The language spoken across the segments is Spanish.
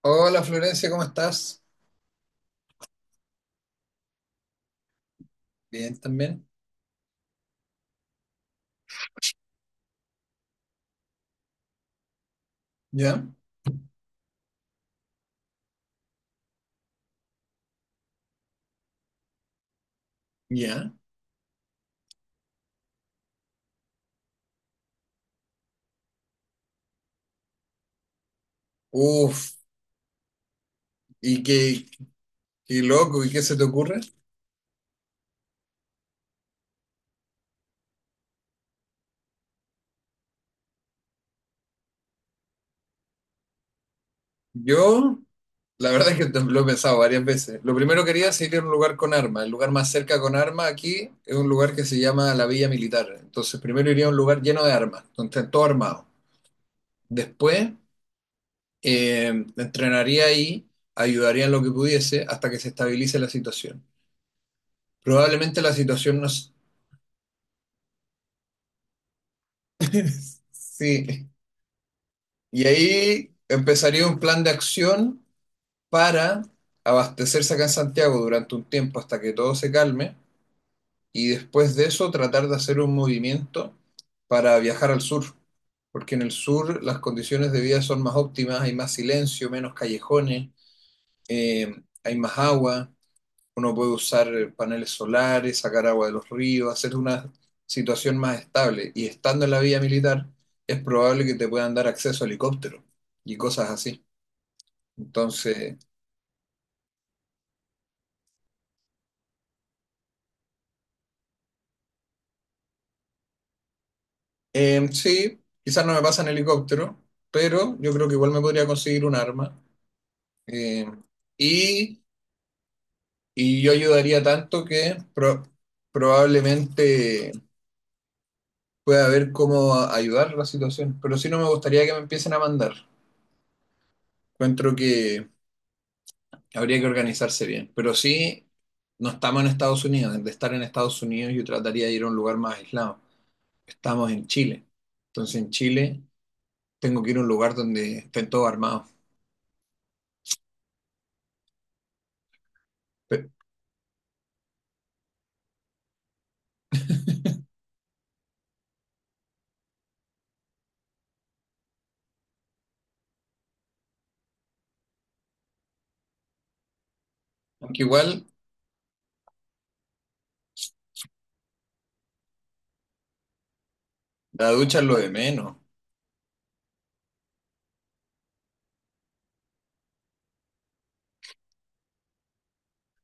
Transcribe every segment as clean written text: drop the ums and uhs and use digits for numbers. Hola Florencia, ¿cómo estás? Bien también. ¿Ya? ¿Ya? Uf, y qué loco, ¿y qué se te ocurre? Yo, la verdad es que lo he pensado varias veces. Lo primero que quería es ir a un lugar con armas. El lugar más cerca con armas aquí es un lugar que se llama la Villa Militar. Entonces, primero iría a un lugar lleno de armas, donde estén todo armado. Después, eh, entrenaría ahí, ayudaría en lo que pudiese hasta que se estabilice la situación. Probablemente la situación no. Sí. Y ahí empezaría un plan de acción para abastecerse acá en Santiago durante un tiempo hasta que todo se calme y después de eso tratar de hacer un movimiento para viajar al sur, porque en el sur las condiciones de vida son más óptimas, hay más silencio, menos callejones, hay más agua, uno puede usar paneles solares, sacar agua de los ríos, hacer una situación más estable y estando en la vía militar es probable que te puedan dar acceso a helicóptero y cosas así. Entonces, sí, quizás no me pasa en helicóptero, pero yo creo que igual me podría conseguir un arma. Em, y, y yo ayudaría tanto que probablemente pueda ver cómo ayudar la situación. Pero sí no me gustaría que me empiecen a mandar. Encuentro que habría que organizarse bien. Pero sí, no estamos en Estados Unidos. De estar en Estados Unidos, yo trataría de ir a un lugar más aislado. Estamos en Chile. Entonces, en Chile, tengo que ir a un lugar donde estén todos armados. Aunque igual la ducha es lo de menos.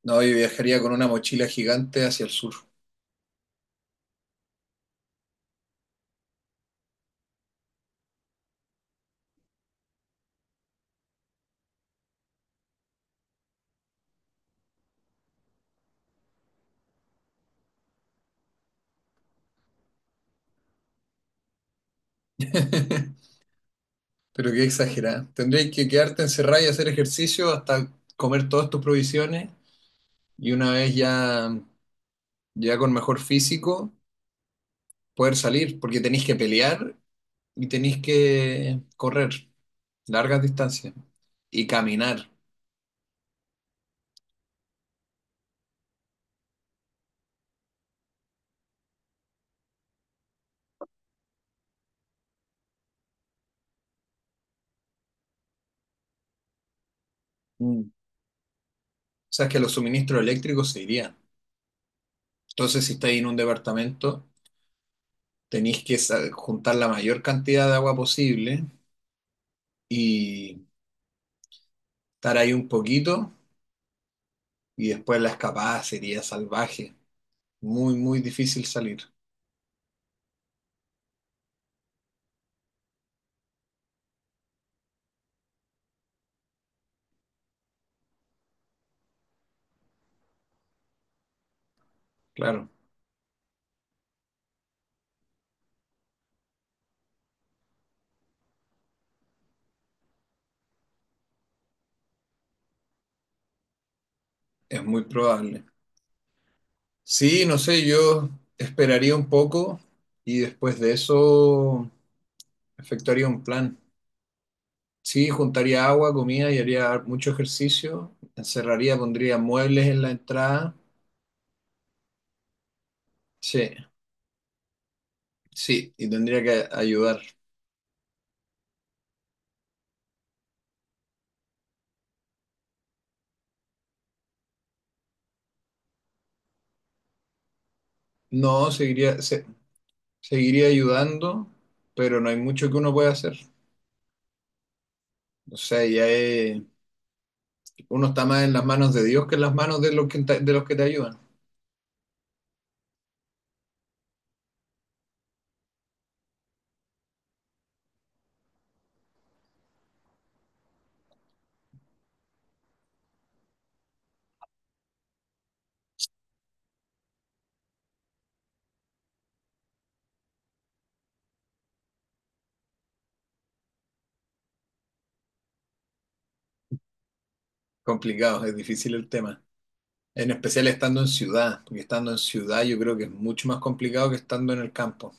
No, yo viajaría con una mochila gigante hacia el sur. Pero qué exagerada. Tendrías que quedarte encerrada y hacer ejercicio hasta comer todas tus provisiones y una vez ya, con mejor físico poder salir, porque tenéis que pelear y tenéis que correr largas distancias y caminar. Mm. O sea, es que los suministros eléctricos se irían. Entonces, si estáis en un departamento, tenéis que juntar la mayor cantidad de agua posible y estar ahí un poquito y después la escapada sería salvaje. Muy, muy difícil salir. Claro, es muy probable. Sí, no sé, yo esperaría un poco y después de eso efectuaría un plan. Sí, juntaría agua, comida y haría mucho ejercicio. Encerraría, pondría muebles en la entrada. Sí, sí, y tendría que ayudar. No, seguiría ayudando, pero no hay mucho que uno pueda hacer. O sea, ya es uno está más en las manos de Dios que en las manos de los que, de los que te ayudan. Complicado, es difícil el tema. En especial estando en ciudad, porque estando en ciudad yo creo que es mucho más complicado que estando en el campo.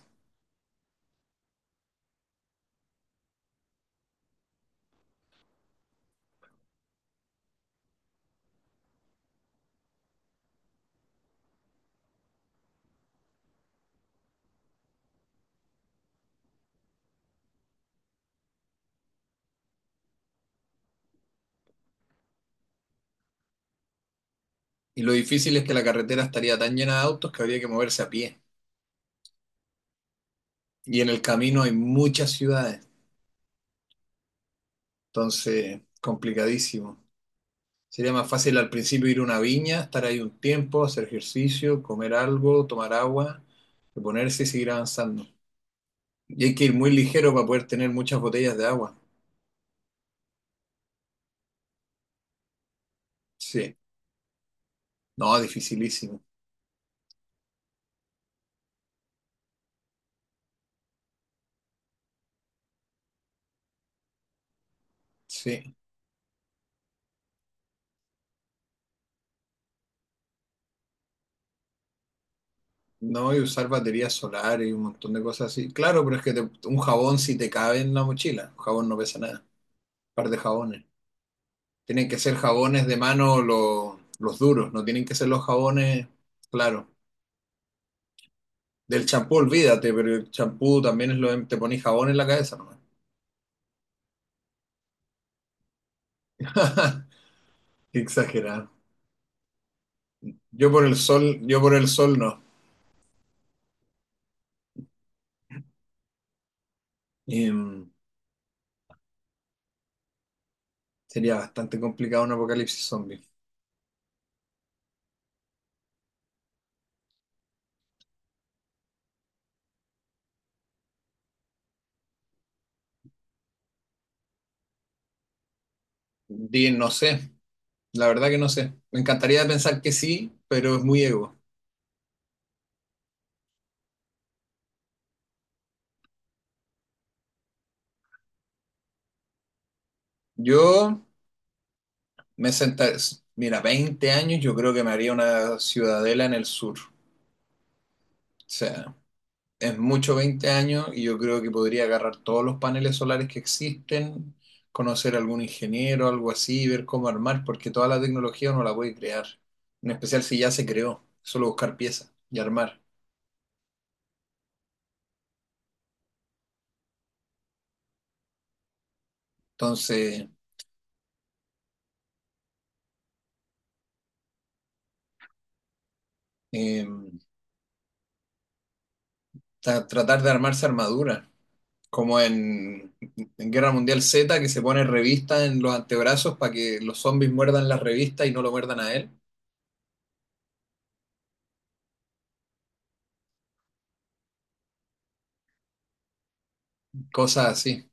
Y lo difícil es que la carretera estaría tan llena de autos que habría que moverse a pie. Y en el camino hay muchas ciudades, entonces complicadísimo. Sería más fácil al principio ir a una viña, estar ahí un tiempo, hacer ejercicio, comer algo, tomar agua, reponerse y seguir avanzando. Y hay que ir muy ligero para poder tener muchas botellas de agua. Sí. No, dificilísimo. Sí. No, y usar baterías solares y un montón de cosas así. Claro, pero es que un jabón sí te cabe en la mochila. Un jabón no pesa nada. Un par de jabones. Tienen que ser jabones de mano los duros. No tienen que ser los jabones, claro. Del champú, olvídate, pero el champú también es te pones jabón en la cabeza nomás. Qué exagerado. Yo por el sol, yo por el sol no. Em, sería bastante complicado un apocalipsis zombie. Di, no sé. La verdad que no sé. Me encantaría pensar que sí, pero es muy ego. Yo me sentaré, mira, 20 años, yo creo que me haría una ciudadela en el sur. O sea, es mucho 20 años y yo creo que podría agarrar todos los paneles solares que existen, conocer a algún ingeniero, algo así, ver cómo armar, porque toda la tecnología no la puede crear. En especial si ya se creó, solo buscar piezas y armar. Entonces, em, tratar de armarse armadura. Como en Guerra Mundial Z, que se pone revista en los antebrazos para que los zombies muerdan la revista y no lo muerdan a él. Cosas así.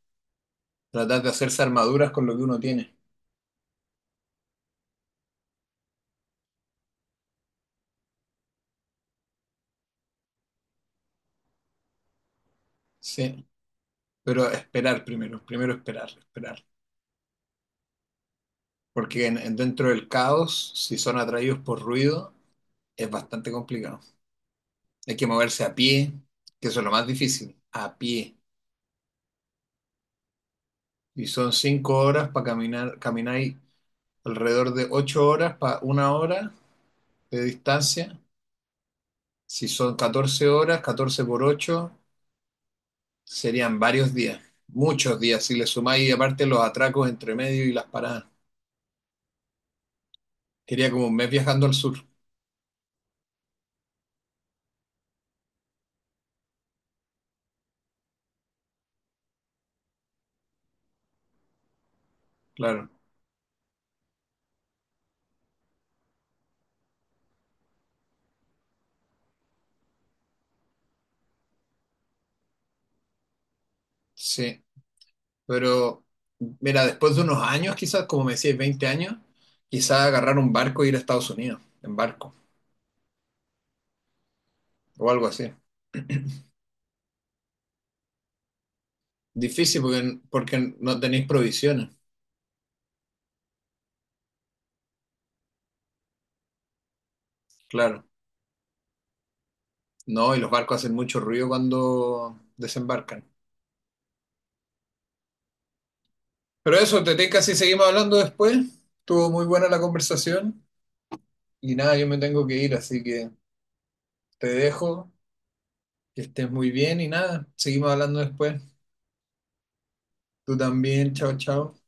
Tratar de hacerse armaduras con lo que uno tiene. Sí. Pero esperar primero, primero esperar, esperar. Porque dentro del caos, si son atraídos por ruido, es bastante complicado. Hay que moverse a pie, que eso es lo más difícil, a pie. Y son 5 horas para caminar, camináis alrededor de 8 horas para una hora de distancia. Si son 14 horas, 14 por 8 serían varios días, muchos días, si le sumáis aparte los atracos entre medio y las paradas. Quería como un mes viajando al sur, claro, sí. Pero, mira, después de unos años, quizás, como me decías, 20 años, quizás agarrar un barco e ir a Estados Unidos, en barco, o algo así. Difícil porque, porque no tenéis provisiones, claro. No, y los barcos hacen mucho ruido cuando desembarcan. Pero eso, te tinca si seguimos hablando después. Estuvo muy buena la conversación. Y nada, yo me tengo que ir, así que te dejo, que estés muy bien y nada, seguimos hablando después. Tú también, chao, chao.